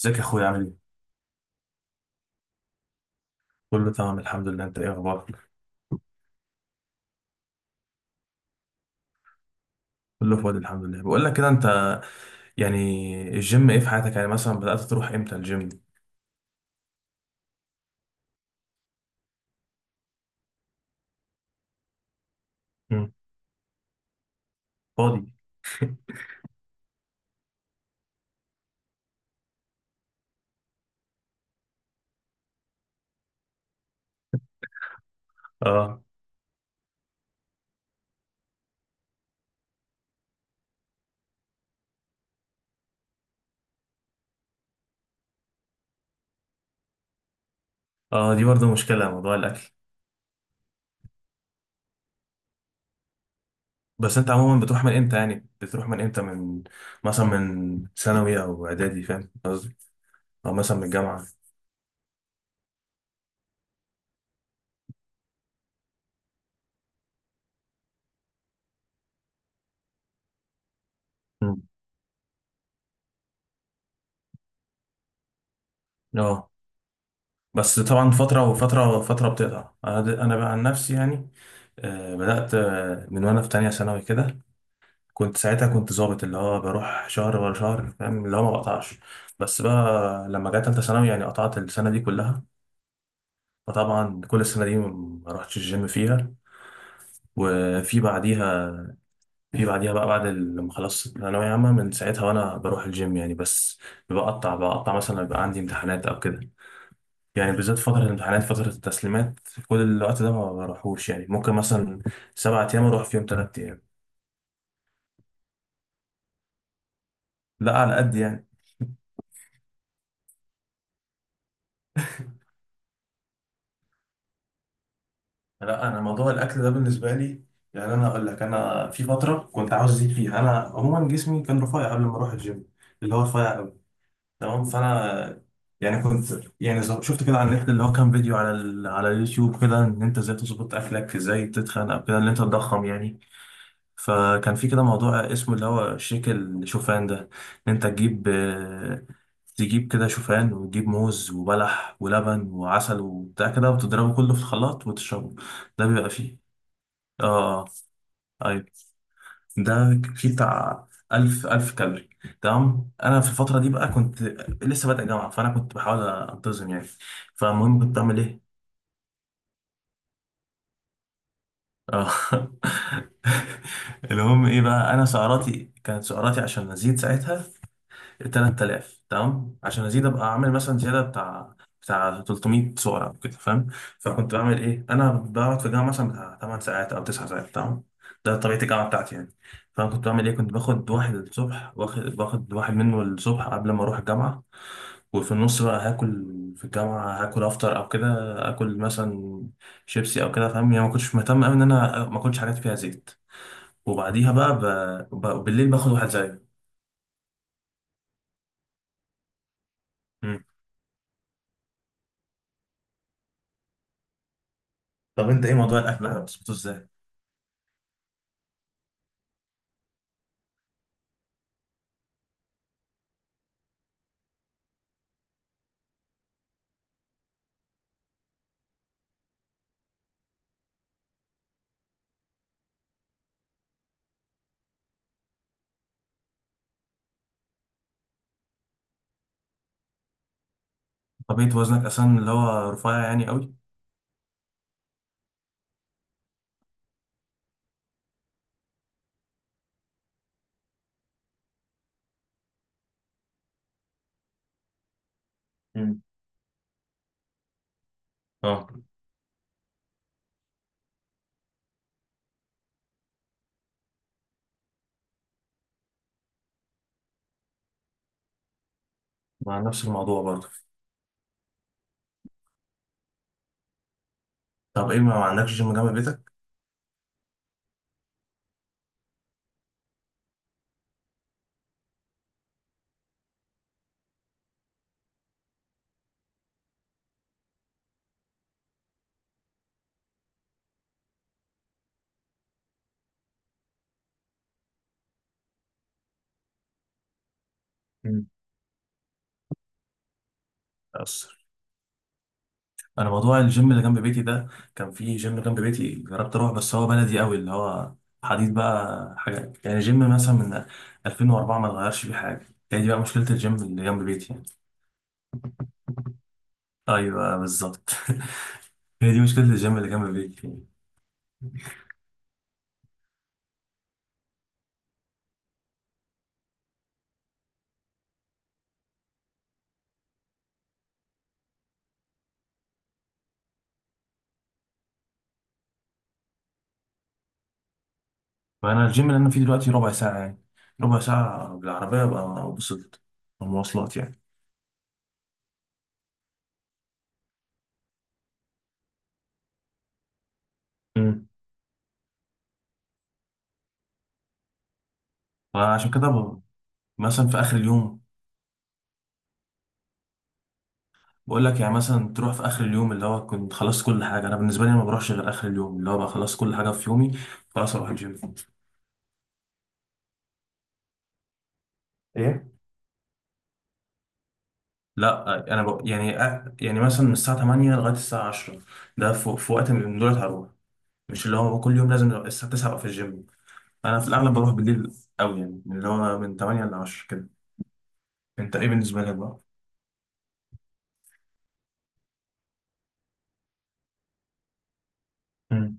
ازيك يا اخويا عامل ايه؟ كله تمام الحمد لله، انت ايه اخبارك؟ كله فاضي الحمد لله. بقول لك كده، انت يعني الجيم ايه في حياتك؟ يعني مثلا بدأت تروح امتى الجيم؟ امم فاضي. اه اه دي برضه مشكلة موضوع الاكل. بس انت عموما بتروح من امتى يعني؟ بتروح من امتى من مثلا من ثانوي او اعدادي، فاهم قصدي؟ او مثلا من الجامعة. امم اه. بس طبعا فترة وفترة فترة بتقطع. انا بقى عن نفسي يعني. بدأت من وانا في تانية ثانوي كده. كنت ساعتها كنت ظابط، اللي هو بروح شهر ورا شهر، فاهم اللي هو ما بقطعش. بس بقى لما جت تالتة ثانوي يعني قطعت السنة دي كلها. فطبعا كل السنة دي ما رحتش الجيم فيها. وفي بعديها، في بعديها بقى بعد لما خلصت ثانوية عامة، من ساعتها وأنا بروح الجيم يعني. بس بقطع مثلا لما يبقى عندي امتحانات أو كده، يعني بالذات فترة الامتحانات، فترة التسليمات، كل الوقت ده ما بروحوش يعني. ممكن مثلا 7 أيام أروح فيهم 3 أيام. لا على قد يعني. لا انا موضوع الاكل ده بالنسبه لي، يعني انا اقول لك انا في فتره كنت عاوز ازيد فيها. انا عموما جسمي كان رفيع قبل ما اروح الجيم، اللي هو رفيع قوي. تمام. فانا يعني كنت يعني شفت كده على النت، اللي هو كان فيديو على على اليوتيوب كده، ان انت ازاي تظبط اكلك، ازاي تتخن او كده، ان انت تضخم يعني. فكان في كده موضوع اسمه اللي هو شيك الشوفان ده. ان انت تجيب تجيب كده شوفان وتجيب موز وبلح ولبن وعسل وبتاع كده، وتضربه كله في الخلاط وتشربه. ده بيبقى فيه. اه، ايوه، ده فيه بتاع 1000 كالوري. تمام، انا في الفتره دي بقى كنت لسه بادئ جامعه، فانا كنت بحاول انتظم يعني. فالمهم كنت بعمل ايه. اه المهم ايه بقى، انا سعراتي كانت، سعراتي عشان ازيد ساعتها 3000. تمام، عشان ازيد ابقى اعمل مثلا زياده بتاع 300 صوره او كده، فاهم. فكنت بعمل ايه؟ انا بقعد في الجامعه مثلا بتاع 8 ساعات او 9 ساعات، تمام، ده طبيعه الجامعه بتاعتي يعني. فانا كنت بعمل ايه؟ كنت باخد واحد الصبح، باخد واحد منه الصبح قبل ما اروح الجامعه. وفي النص بقى هاكل، في الجامعه هاكل افطر او كده. اكل مثلا شيبسي او كده، فاهم يعني، ما كنتش مهتم قوي ان انا ما اكلش حاجات فيها زيت. وبعديها بقى بالليل باخد واحد زيه. مم. طب انت ايه موضوع الاكل ده بتظبطه ازاي؟ طبيعة وزنك أساسا اللي هو رفيع يعني قوي؟ مم. اه. مع نفس الموضوع برضه. طب إيه ما عندكش جيم جنب بيتك؟ مم. أصر. أنا موضوع الجيم اللي جنب بيتي ده، كان في جيم جنب بيتي جربت أروح، بس هو بلدي قوي، اللي هو حديد بقى حاجة، يعني جيم مثلا من 2004 ما اتغيرش فيه حاجة. هي دي بقى مشكلة الجيم اللي جنب بيتي يعني. أيوه بالظبط. هي دي مشكلة الجيم اللي جنب بيتي يعني. فأنا الجيم اللي أنا فيه دلوقتي ربع ساعة يعني. ربع ساعة بالعربية بقى وصلت المواصلات يعني. فعشان كده مثلا في اخر اليوم، بقول لك يعني مثلا تروح في اخر اليوم اللي هو كنت خلصت كل حاجه. انا بالنسبه لي، أنا ما بروحش غير اخر اليوم اللي هو بقى خلصت كل حاجه في يومي، خلاص اروح الجيم. ايه. لا، انا يعني يعني مثلا من الساعه 8 لغايه الساعه 10، ده في وقت من دول هروح. مش اللي هو كل يوم لازم أبقى الساعه 9 ابقى في الجيم. انا في الاغلب بروح بالليل قوي يعني، اللي هو من 8 ل 10 كده. انت ايه بالنسبه لك بقى؟ امم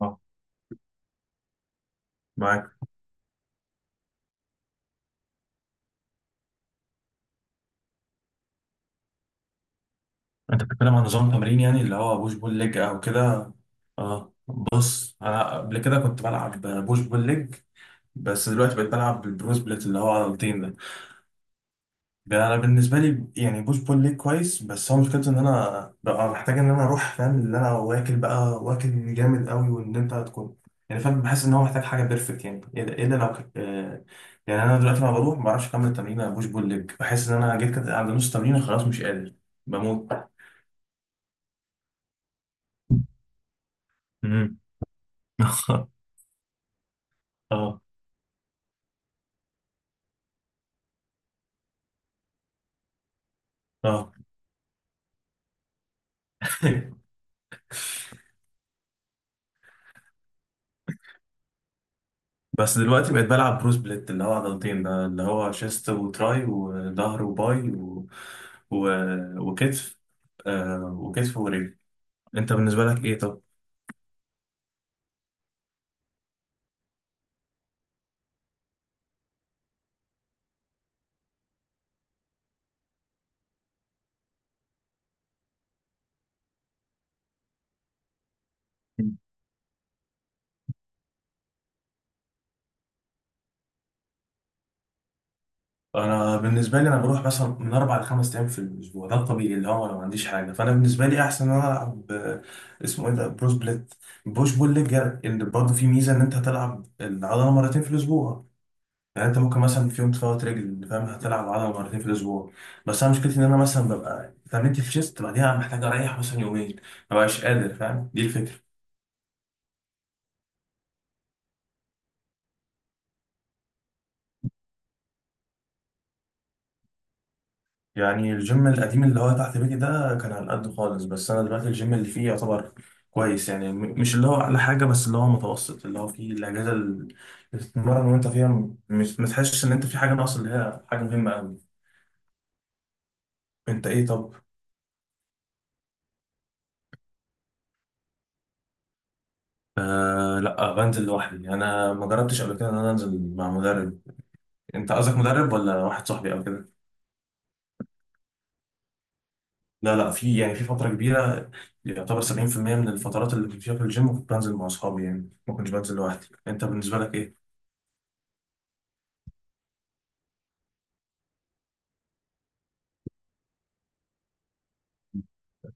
اه. معاك. انت بتتكلم عن نظام تمرين يعني اللي هو بوش بول ليج او كده؟ اه بص، انا قبل كده كنت بلعب بوش بول ليج، بس دلوقتي بقيت بلعب بالبرو سبليت اللي هو عضلتين. ده انا بالنسبه لي، يعني بوش بول ليج كويس، بس هو مشكلته ان انا ببقى محتاج ان انا اروح، فاهم اللي انا، واكل بقى، واكل جامد قوي، وان انت تكون يعني، فاهم. بحس ان هو محتاج حاجه بيرفكت يعني، الا إلا لو يعني انا دلوقتي لما بروح ما بعرفش اكمل تمرين بوش بول ليج. بحس ان انا جيت كده عند نص تمرين خلاص مش قادر، بموت. مم. اه اه بس دلوقتي بقيت بلعب برو سبليت اللي هو عضلتين ده، اللي هو شيست وتراي وظهر وباي و... وكتف. وكتف ورجل. انت بالنسبة لك ايه طب؟ انا بالنسبه لي، انا بروح مثلا من اربع لخمس ايام في الاسبوع، ده الطبيعي اللي هو انا ما عنديش حاجه. فانا بالنسبه لي احسن ان انا العب اسمه ايه ده، بروس بليت، بوش بول ليج. اللي برضه فيه ميزه ان انت هتلعب العضله مرتين في الاسبوع. يعني انت ممكن مثلا في يوم تفوت رجل، فاهم، هتلعب عضله مرتين في الاسبوع. بس انا مشكلتي ان انا مثلا ببقى اتمرنت في شيست، بعديها محتاج اريح مثلا يومين، ما بقاش قادر، فاهم، دي الفكره. يعني الجيم القديم اللي هو تحت بيتي ده كان على قد خالص، بس انا دلوقتي الجيم اللي فيه يعتبر كويس يعني. مش اللي هو اعلى حاجه، بس اللي هو متوسط، اللي هو فيه الاجهزه اللي بتتمرن وانت فيها مش ما تحسش ان انت في حاجه ناقصه، اللي هي حاجه مهمه قوي. انت ايه طب؟ آه لا، بنزل لوحدي. انا ما جربتش قبل كده ان انا انزل مع مدرب. انت قصدك مدرب ولا واحد صاحبي او كده؟ لا لا، في يعني في فتره كبيره، يعتبر 70% من الفترات اللي كنت فيها في الجيم كنت بنزل مع اصحابي يعني، ما كنتش بنزل لوحدي. انت بالنسبه لك ايه؟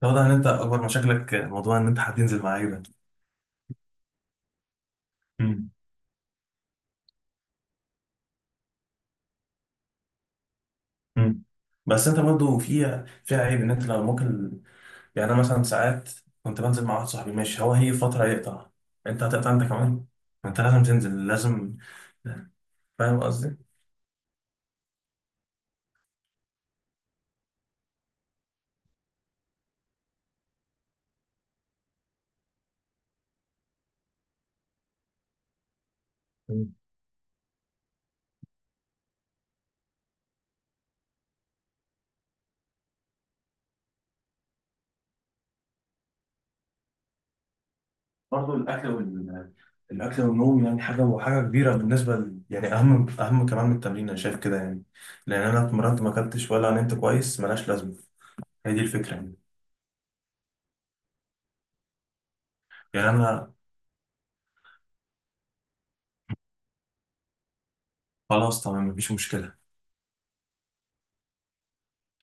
واضح ان انت اكبر مشاكلك موضوع ان انت هتنزل مع عيلة. امم امم بس انت برضه في عيب ان انت لو ممكن يعني. انا مثلا ساعات كنت بنزل مع واحد صاحبي، ماشي، هو هي فتره يقطع، انت هتقطع انت كمان. انت لازم تنزل لازم. فاهم قصدي؟ برضه الاكل الاكل والنوم يعني حاجه وحاجه كبيره بالنسبه يعني اهم اهم كمان من التمرين، انا شايف كده يعني. لان انا اتمرنت ما اكلتش ولا نمت كويس ملهاش لازمه، هي دي الفكره يعني. يعني انا. خلاص تمام مفيش مشكله.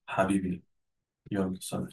حبيبي. يلا سلام.